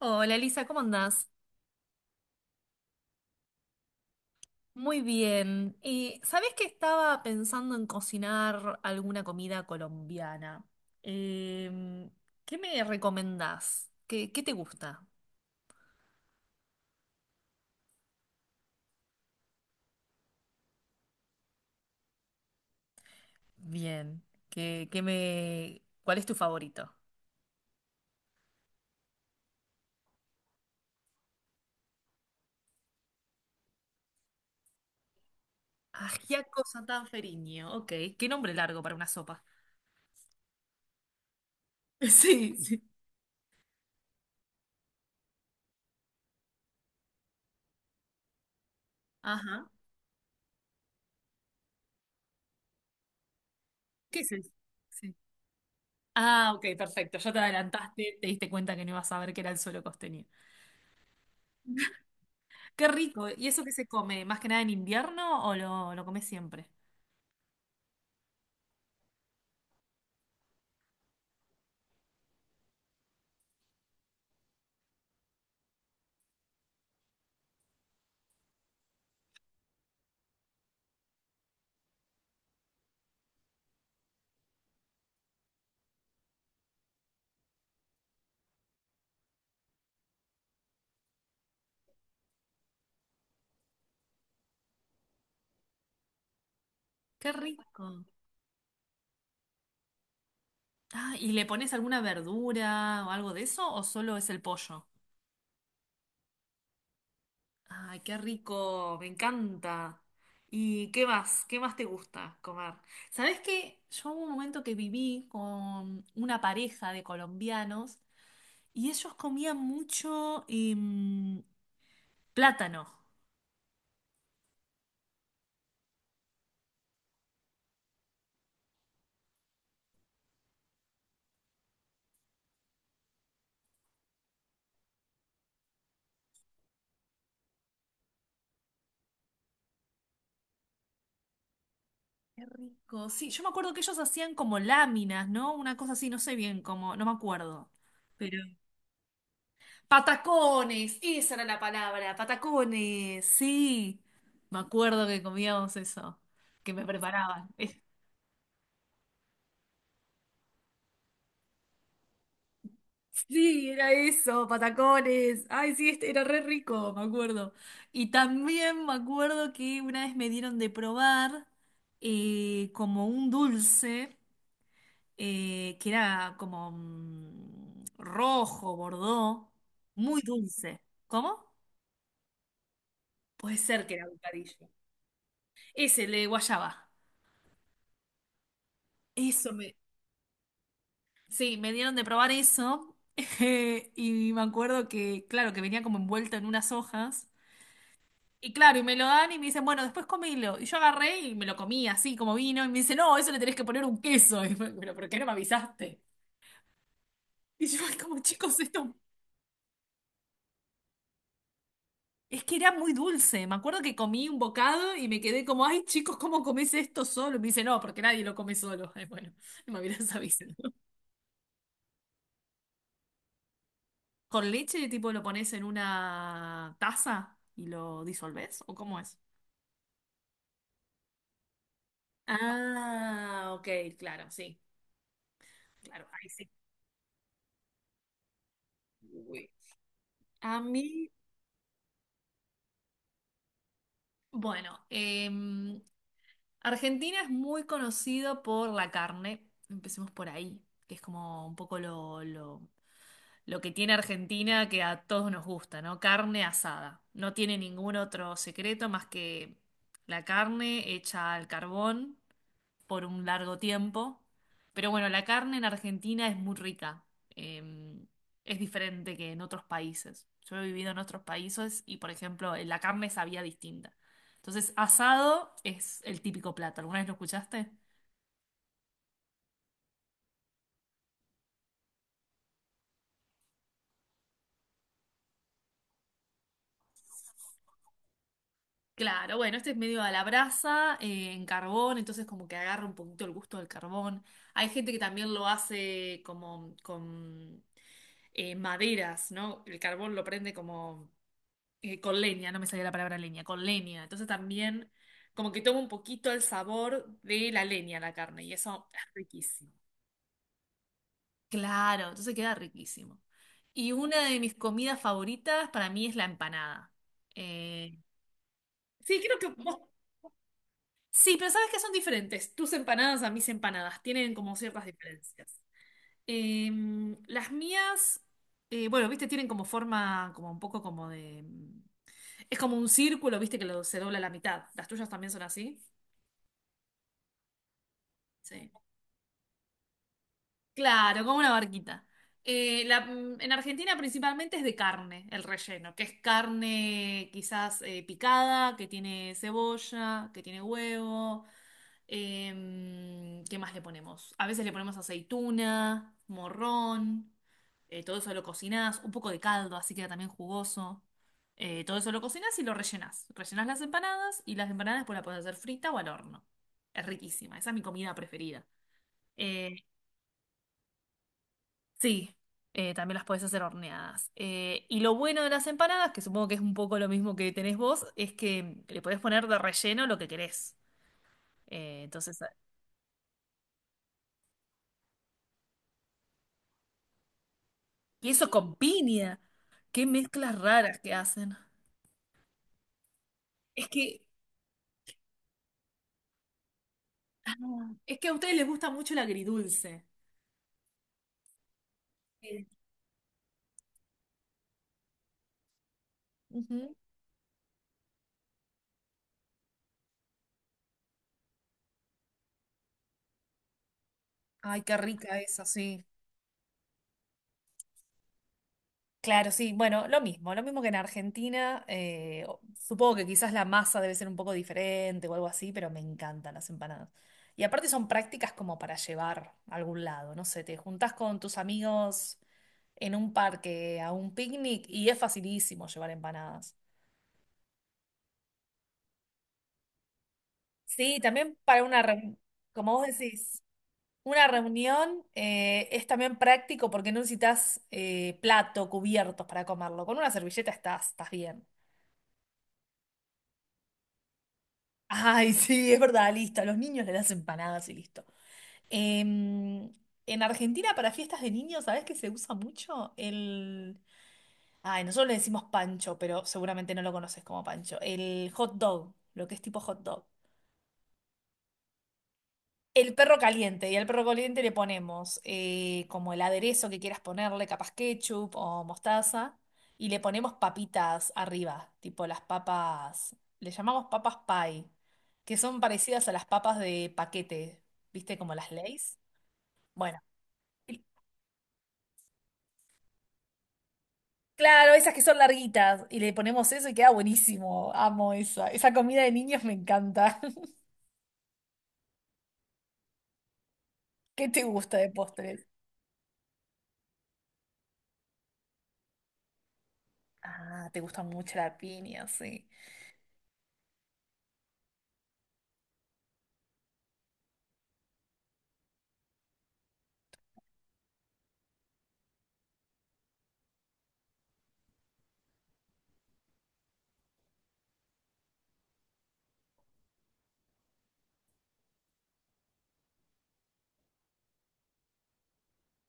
Hola Elisa, ¿cómo andás? Muy bien. ¿Sabés que estaba pensando en cocinar alguna comida colombiana? Em, ¿Qué me recomendás? ¿Qué te gusta? Bien. ¿Qué me... ¿Cuál es tu favorito? Ajiaco santanferiño. Ok. Qué nombre largo para una sopa. Sí, sí. Ajá. ¿Qué es eso? Sí. Ah, ok, perfecto. Ya te adelantaste, te diste cuenta que no ibas a ver que era el suelo costeño. Qué rico. ¿Y eso qué se come? ¿Más que nada en invierno o lo comes siempre? Qué rico. Ah, ¿y le pones alguna verdura o algo de eso o solo es el pollo? Ay, qué rico, me encanta. ¿Y qué más? ¿Qué más te gusta comer? ¿Sabés qué? Yo hubo un momento que viví con una pareja de colombianos y ellos comían mucho plátano. Qué rico. Sí, yo me acuerdo que ellos hacían como láminas, ¿no? Una cosa así, no sé bien cómo, no me acuerdo. Pero. Patacones, esa era la palabra, patacones, sí. Me acuerdo que comíamos eso, que me preparaban. Sí, era eso, patacones. Ay, sí, este era re rico, me acuerdo. Y también me acuerdo que una vez me dieron de probar como un dulce. Que era como rojo, bordó, muy dulce. ¿Cómo? Puede ser que era bocadillo. Ese, el de guayaba. Eso me... Sí, me dieron de probar eso. Y me acuerdo que, claro, que venía como envuelto en unas hojas. Y claro, y me lo dan y me dicen, bueno, después comilo. Y yo agarré y me lo comí así como vino. Y me dice, no, eso le tenés que poner un queso. Y fue, pero ¿por qué no me avisaste? Y yo, ay, como chicos, esto. Es que era muy dulce. Me acuerdo que comí un bocado y me quedé como, ay, chicos, ¿cómo comés esto solo? Y me dice, no, porque nadie lo come solo. Ay, bueno, no me hubieras avisado. ¿Con leche, tipo, lo pones en una taza y lo disolvés? ¿O cómo es? Ah, ok, claro, sí, claro, ahí sí. Uy. A mí, bueno, Argentina es muy conocido por la carne, empecemos por ahí, que es como un poco lo que tiene Argentina que a todos nos gusta, ¿no? Carne asada. No tiene ningún otro secreto más que la carne hecha al carbón por un largo tiempo. Pero bueno, la carne en Argentina es muy rica. Eh, es diferente que en otros países. Yo he vivido en otros países y, por ejemplo, la carne sabía distinta. Entonces, asado es el típico plato. ¿Alguna vez lo escuchaste? Claro, bueno, este es medio a la brasa, en carbón, entonces como que agarra un poquito el gusto del carbón. Hay gente que también lo hace como con maderas, ¿no? El carbón lo prende como con leña, no me salía la palabra leña, con leña. Entonces también como que toma un poquito el sabor de la leña la carne y eso es riquísimo. Claro, entonces queda riquísimo. Y una de mis comidas favoritas para mí es la empanada. Eh, sí, creo que vos. Sí, pero sabes que son diferentes. Tus empanadas a mis empanadas tienen como ciertas diferencias. Las mías, bueno, viste, tienen como forma, como un poco como de... Es como un círculo, viste, que se dobla a la mitad. ¿Las tuyas también son así? Sí. Claro, como una barquita. En Argentina principalmente es de carne, el relleno, que es carne quizás picada, que tiene cebolla, que tiene huevo. ¿Qué más le ponemos? A veces le ponemos aceituna, morrón, todo eso lo cocinás, un poco de caldo, así queda también jugoso. Todo eso lo cocinás y lo rellenás. Rellenás las empanadas y las empanadas después las podés hacer frita o al horno. Es riquísima, esa es mi comida preferida. Eh, sí, también las podés hacer horneadas. Y lo bueno de las empanadas, que supongo que es un poco lo mismo que tenés vos, es que le podés poner de relleno lo que querés. Entonces. Y eso con piña. Qué mezclas raras que hacen. Es que, ah, es que a ustedes les gusta mucho el agridulce. Sí. Ujú. Ay, qué rica esa, sí. Claro, sí, bueno, lo mismo que en Argentina. Supongo que quizás la masa debe ser un poco diferente o algo así, pero me encantan las empanadas. Y aparte son prácticas como para llevar a algún lado, no sé, te juntás con tus amigos en un parque a un picnic y es facilísimo llevar empanadas. Sí, también para una reunión, como vos decís, una reunión es también práctico porque no necesitas plato, cubiertos para comerlo. Con una servilleta estás bien. Ay, sí, es verdad, listo. A los niños les das empanadas y listo. Em, en Argentina para fiestas de niños, ¿sabés que se usa mucho? El... Ay, nosotros le decimos pancho, pero seguramente no lo conoces como pancho. El hot dog, lo que es tipo hot dog. El perro caliente, y al perro caliente le ponemos como el aderezo que quieras ponerle, capaz ketchup o mostaza, y le ponemos papitas arriba, tipo las papas, le llamamos papas pie, que son parecidas a las papas de paquete, ¿viste? Como las Lay's. Bueno, y- claro, esas que son larguitas, y le ponemos eso y queda buenísimo, amo esa, esa comida de niños me encanta. ¿Qué te gusta de postres? Ah, te gusta mucho la piña, sí.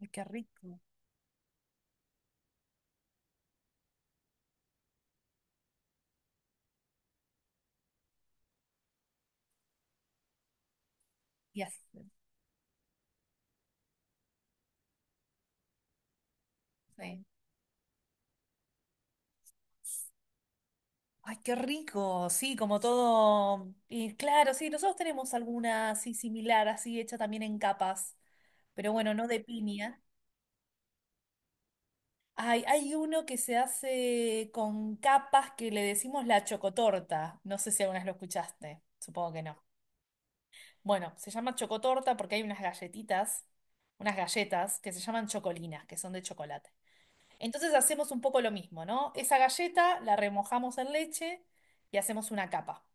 Ay, qué rico. Y así, sí. Ay, qué rico, sí, como todo. Y claro, sí, nosotros tenemos alguna así similar, así hecha también en capas, pero bueno, no de piña. Ay, hay uno que se hace con capas que le decimos la chocotorta. No sé si alguna vez lo escuchaste, supongo que no. Bueno, se llama chocotorta porque hay unas galletitas, unas galletas que se llaman chocolinas, que son de chocolate. Entonces hacemos un poco lo mismo, ¿no? Esa galleta la remojamos en leche y hacemos una capa.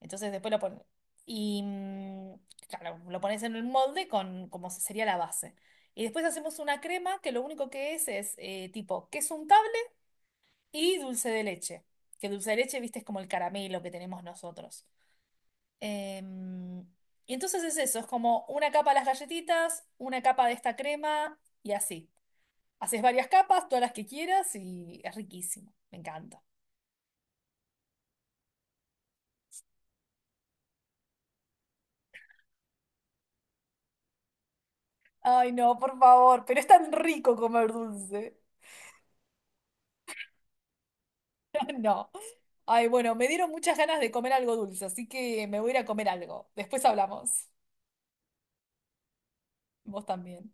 Entonces después lo pones. Y claro, lo pones en el molde con como sería la base. Y después hacemos una crema que lo único que es tipo queso untable y dulce de leche. Que dulce de leche, viste, es como el caramelo que tenemos nosotros. Em, y entonces es eso, es como una capa de las galletitas, una capa de esta crema y así. Haces varias capas, todas las que quieras y es riquísimo. Me encanta. Ay, no, por favor, pero es tan rico comer dulce. No. Ay, bueno, me dieron muchas ganas de comer algo dulce, así que me voy a ir a comer algo. Después hablamos. Vos también.